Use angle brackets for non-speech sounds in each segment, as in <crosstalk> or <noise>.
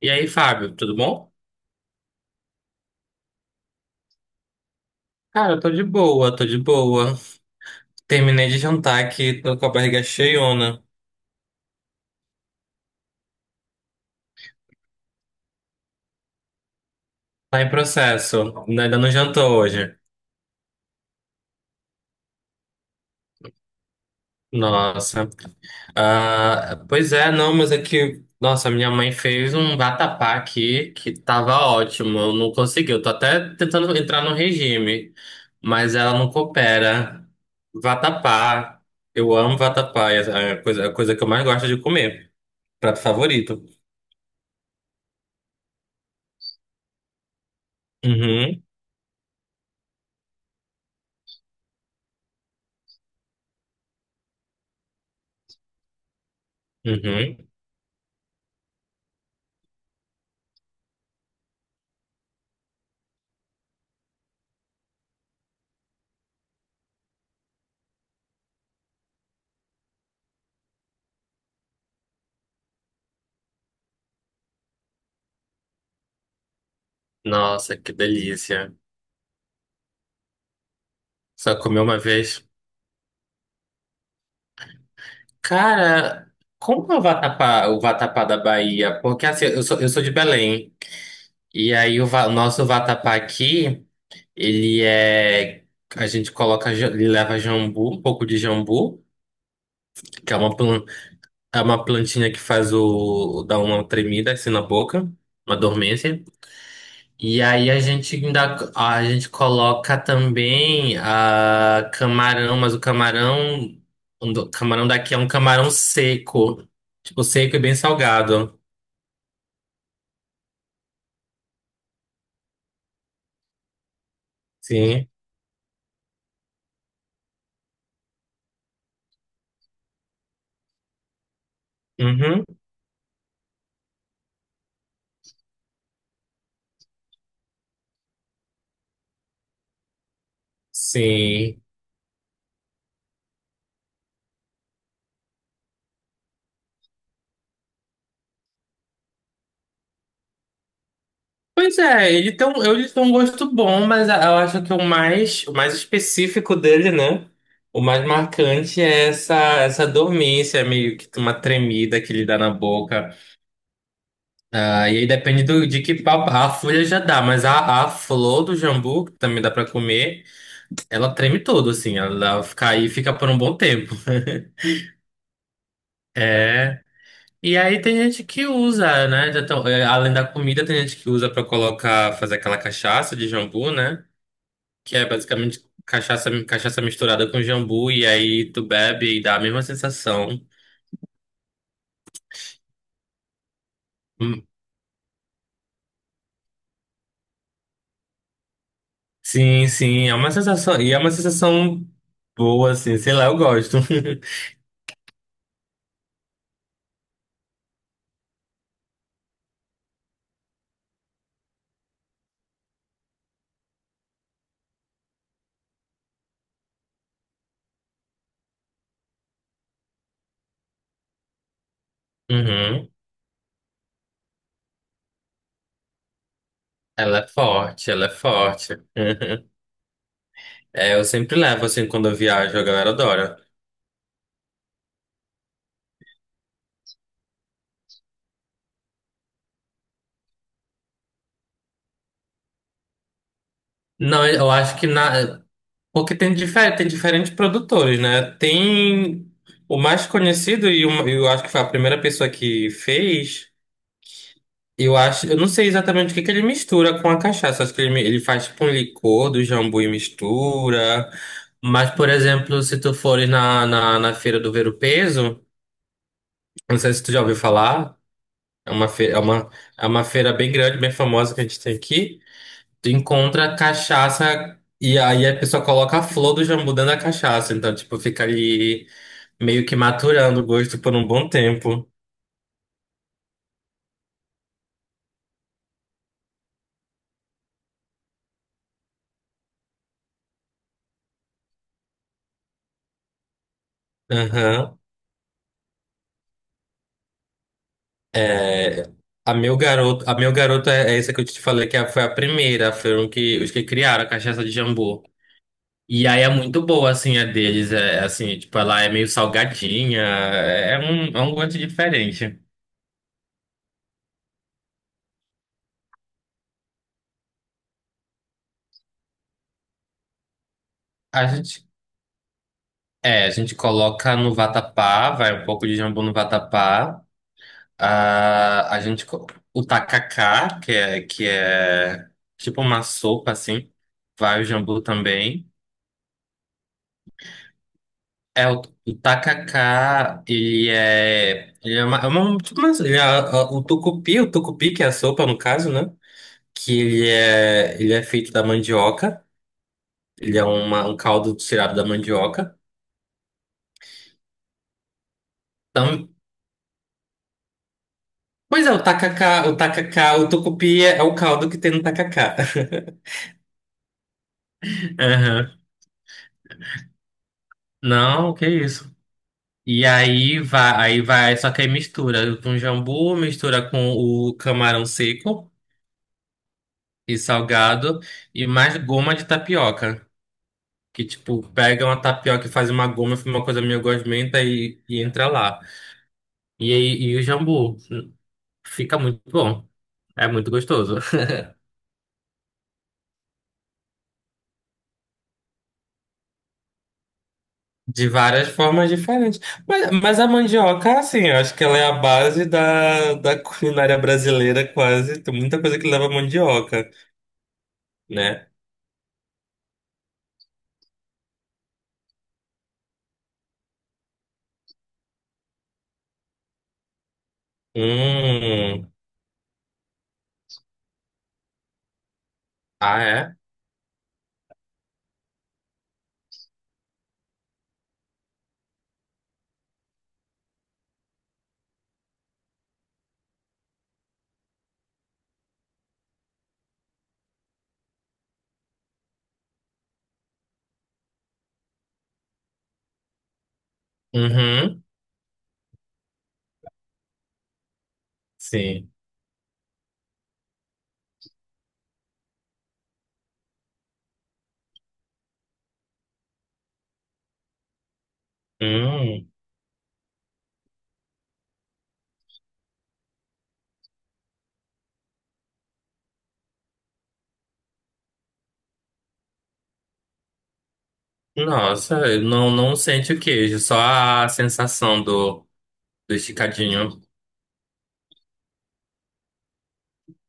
E aí, Fábio, tudo bom? Cara, eu tô de boa, tô de boa. Terminei de jantar aqui, tô com a barriga cheiona. Tá em processo, né? Ainda não jantou hoje. Nossa. Ah, pois é, não, mas é que Nossa, minha mãe fez um vatapá aqui que tava ótimo, eu não consegui. Eu tô até tentando entrar no regime, mas ela não coopera. Vatapá, eu amo vatapá, é a coisa que eu mais gosto de comer. Prato favorito. Uhum, uhum. Nossa, que delícia. Só comi uma vez. Cara, como é o vatapá da Bahia? Porque assim, eu sou de Belém. E aí o nosso vatapá aqui, ele é. A gente coloca, ele leva jambu, um pouco de jambu, que é é uma plantinha que faz o. dá uma tremida assim na boca, uma dormência. E aí a gente ainda a gente coloca também a camarão, mas o camarão daqui é um camarão seco, tipo seco e bem salgado. Sim. Uhum. Sim. Pois é, ele tem um gosto bom, mas eu acho que o mais específico dele, né? O mais marcante é essa dormência, meio que uma tremida que ele dá na boca. Ah, e aí depende de que pau. A folha já dá, mas a flor do jambu, que também dá pra comer, ela treme todo, assim. Ela fica aí, fica por um bom tempo. <laughs> É. E aí tem gente que usa, né? Além da comida, tem gente que usa pra colocar, fazer aquela cachaça de jambu, né? Que é basicamente cachaça, cachaça misturada com jambu, e aí tu bebe e dá a mesma sensação. Hum, Sim, sim, é uma sensação. E é uma sensação boa, assim, sei lá, eu gosto. <laughs> Uhum. Ela é forte, ela é forte. Uhum. É, eu sempre levo, assim, quando eu viajo, a galera adora. Não, eu acho que na Porque tem, tem diferentes produtores, né? Tem o mais conhecido e eu acho que foi a primeira pessoa que fez. Eu acho, eu não sei exatamente o que que ele mistura com a cachaça. Acho que ele faz tipo um licor do jambu e mistura. Mas, por exemplo, se tu fores na Feira do Ver-o-Peso, não sei se tu já ouviu falar. É uma feira, é uma feira bem grande, bem famosa que a gente tem aqui. Tu encontra cachaça e aí a pessoa coloca a flor do jambu dentro da cachaça. Então, tipo, fica ali meio que maturando o gosto por um bom tempo. Aham. É, a meu garoto é, é essa que eu te falei foi a primeira, foram que, os que criaram a cachaça de jambu. E aí é muito boa, assim, a deles. É, assim, tipo, ela é meio salgadinha. É um gosto diferente. A gente É, a gente coloca no vatapá, vai um pouco de jambu no vatapá. A gente o tacacá, que é tipo uma sopa assim, vai o jambu também. É o tacacá, ele é uma- tipo uma- ele é- ah, o tucupi que é a sopa no caso, né? Que ele é feito da mandioca, ele é uma, um caldo tirado da mandioca. Pois é, o tacacá, o tucupi é o caldo que tem no tacacá. <laughs> Aham. Não, que isso. E aí vai, só que aí mistura com jambu, mistura com o camarão seco e salgado e mais goma de tapioca. Que tipo, pega uma tapioca e faz uma goma, fica uma coisa meio gosmenta e entra lá. E aí, e o jambu. Fica muito bom. É muito gostoso. De várias formas diferentes. Mas a mandioca, assim, eu acho que ela é a base da culinária brasileira, quase. Tem muita coisa que leva mandioca, né? Hum. Ah, é? Uhum. Sim. Hum. Nossa, eu não, não sente o queijo, só a sensação do esticadinho.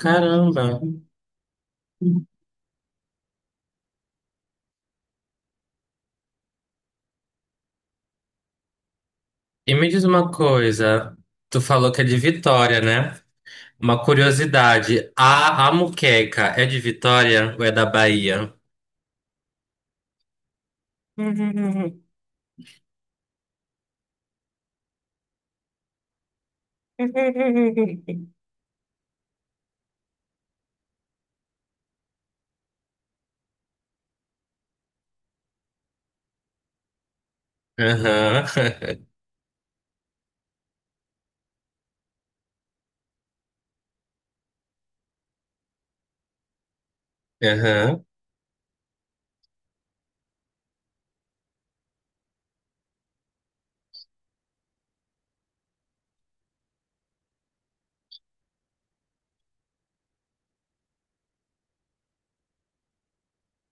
Caramba. E me diz uma coisa. Tu falou que é de Vitória, né? Uma curiosidade. A moqueca é de Vitória ou é da Bahia? Aham, <laughs> aham,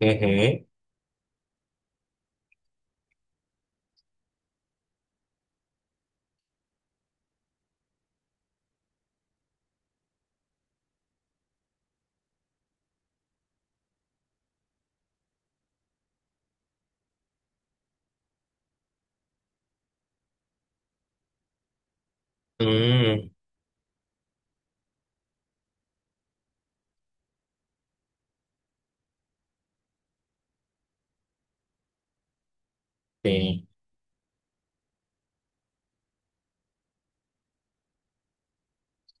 uhum, hum, sim,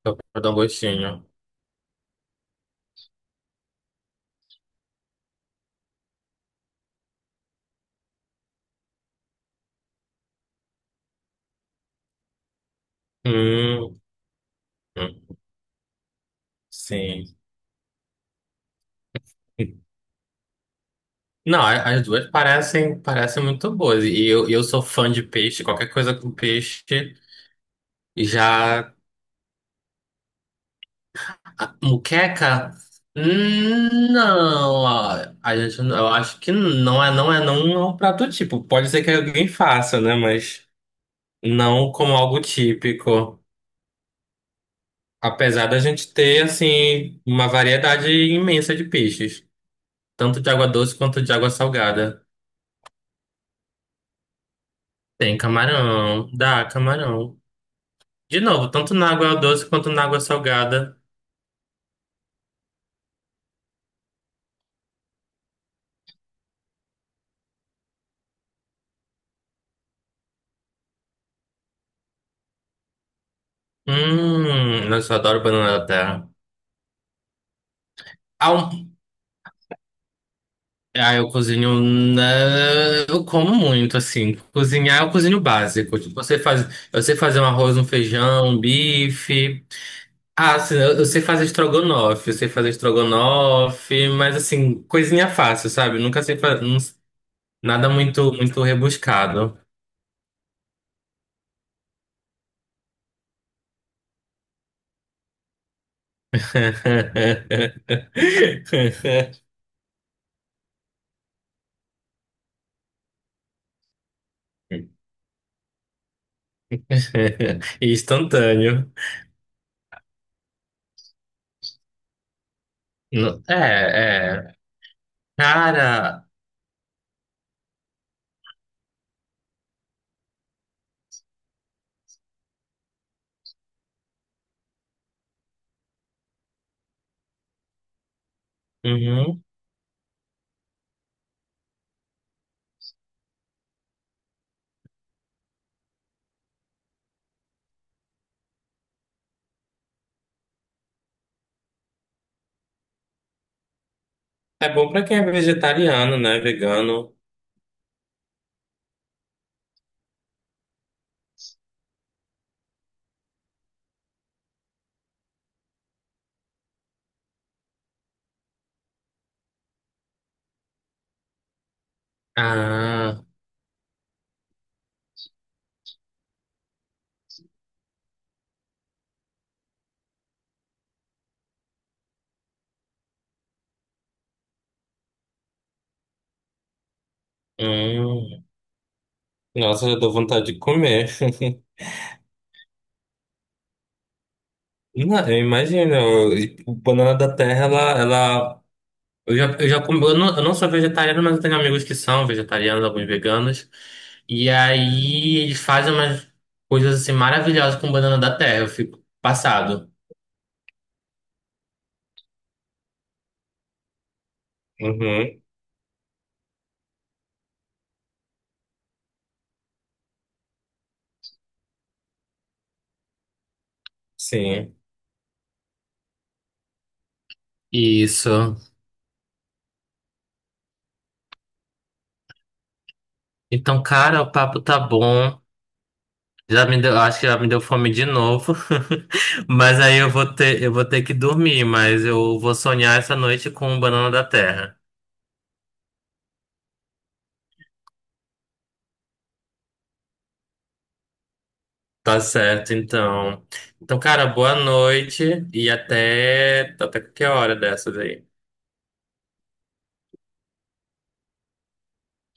só pra dar um gostinho. Hum, hum, sim. Não, as duas parecem, parecem muito boas. E eu sou fã de peixe, qualquer coisa com peixe. E já. A muqueca? Não, eu acho que não é um prato típico. Pode ser que alguém faça, né? Mas não como algo típico. Apesar da gente ter, assim, uma variedade imensa de peixes, tanto de água doce quanto de água salgada. Tem camarão, dá camarão. De novo, tanto na água doce quanto na água salgada. Nossa, eu adoro banana da terra. Ah, um- ah, eu cozinho. Né, eu como muito, assim. Cozinhar, eu cozinho básico. Tipo, você faz, eu sei fazer um arroz, um feijão, um bife. Ah, assim, eu sei fazer estrogonofe, eu sei fazer estrogonofe, mas assim, coisinha fácil, sabe? Nunca sei fazer nada muito, muito rebuscado. <laughs> Instantâneo. É, é. Cara, uhum. É bom pra quem é vegetariano, né? Vegano. Ah, hum. Nossa, já dou vontade de comer. <laughs> Não, eu imagino. E o banana da terra, ela eu já, eu já comi, eu não sou vegetariano, mas eu tenho amigos que são vegetarianos, alguns veganos. E aí eles fazem umas coisas assim maravilhosas com banana da terra. Eu fico passado. Uhum, sim. Isso. Então, cara, o papo tá bom. Já me deu, acho que já me deu fome de novo. <laughs> Mas aí eu vou ter que dormir, mas eu vou sonhar essa noite com banana da terra. Tá certo, então. Então, cara, boa noite e até até qualquer hora dessas aí.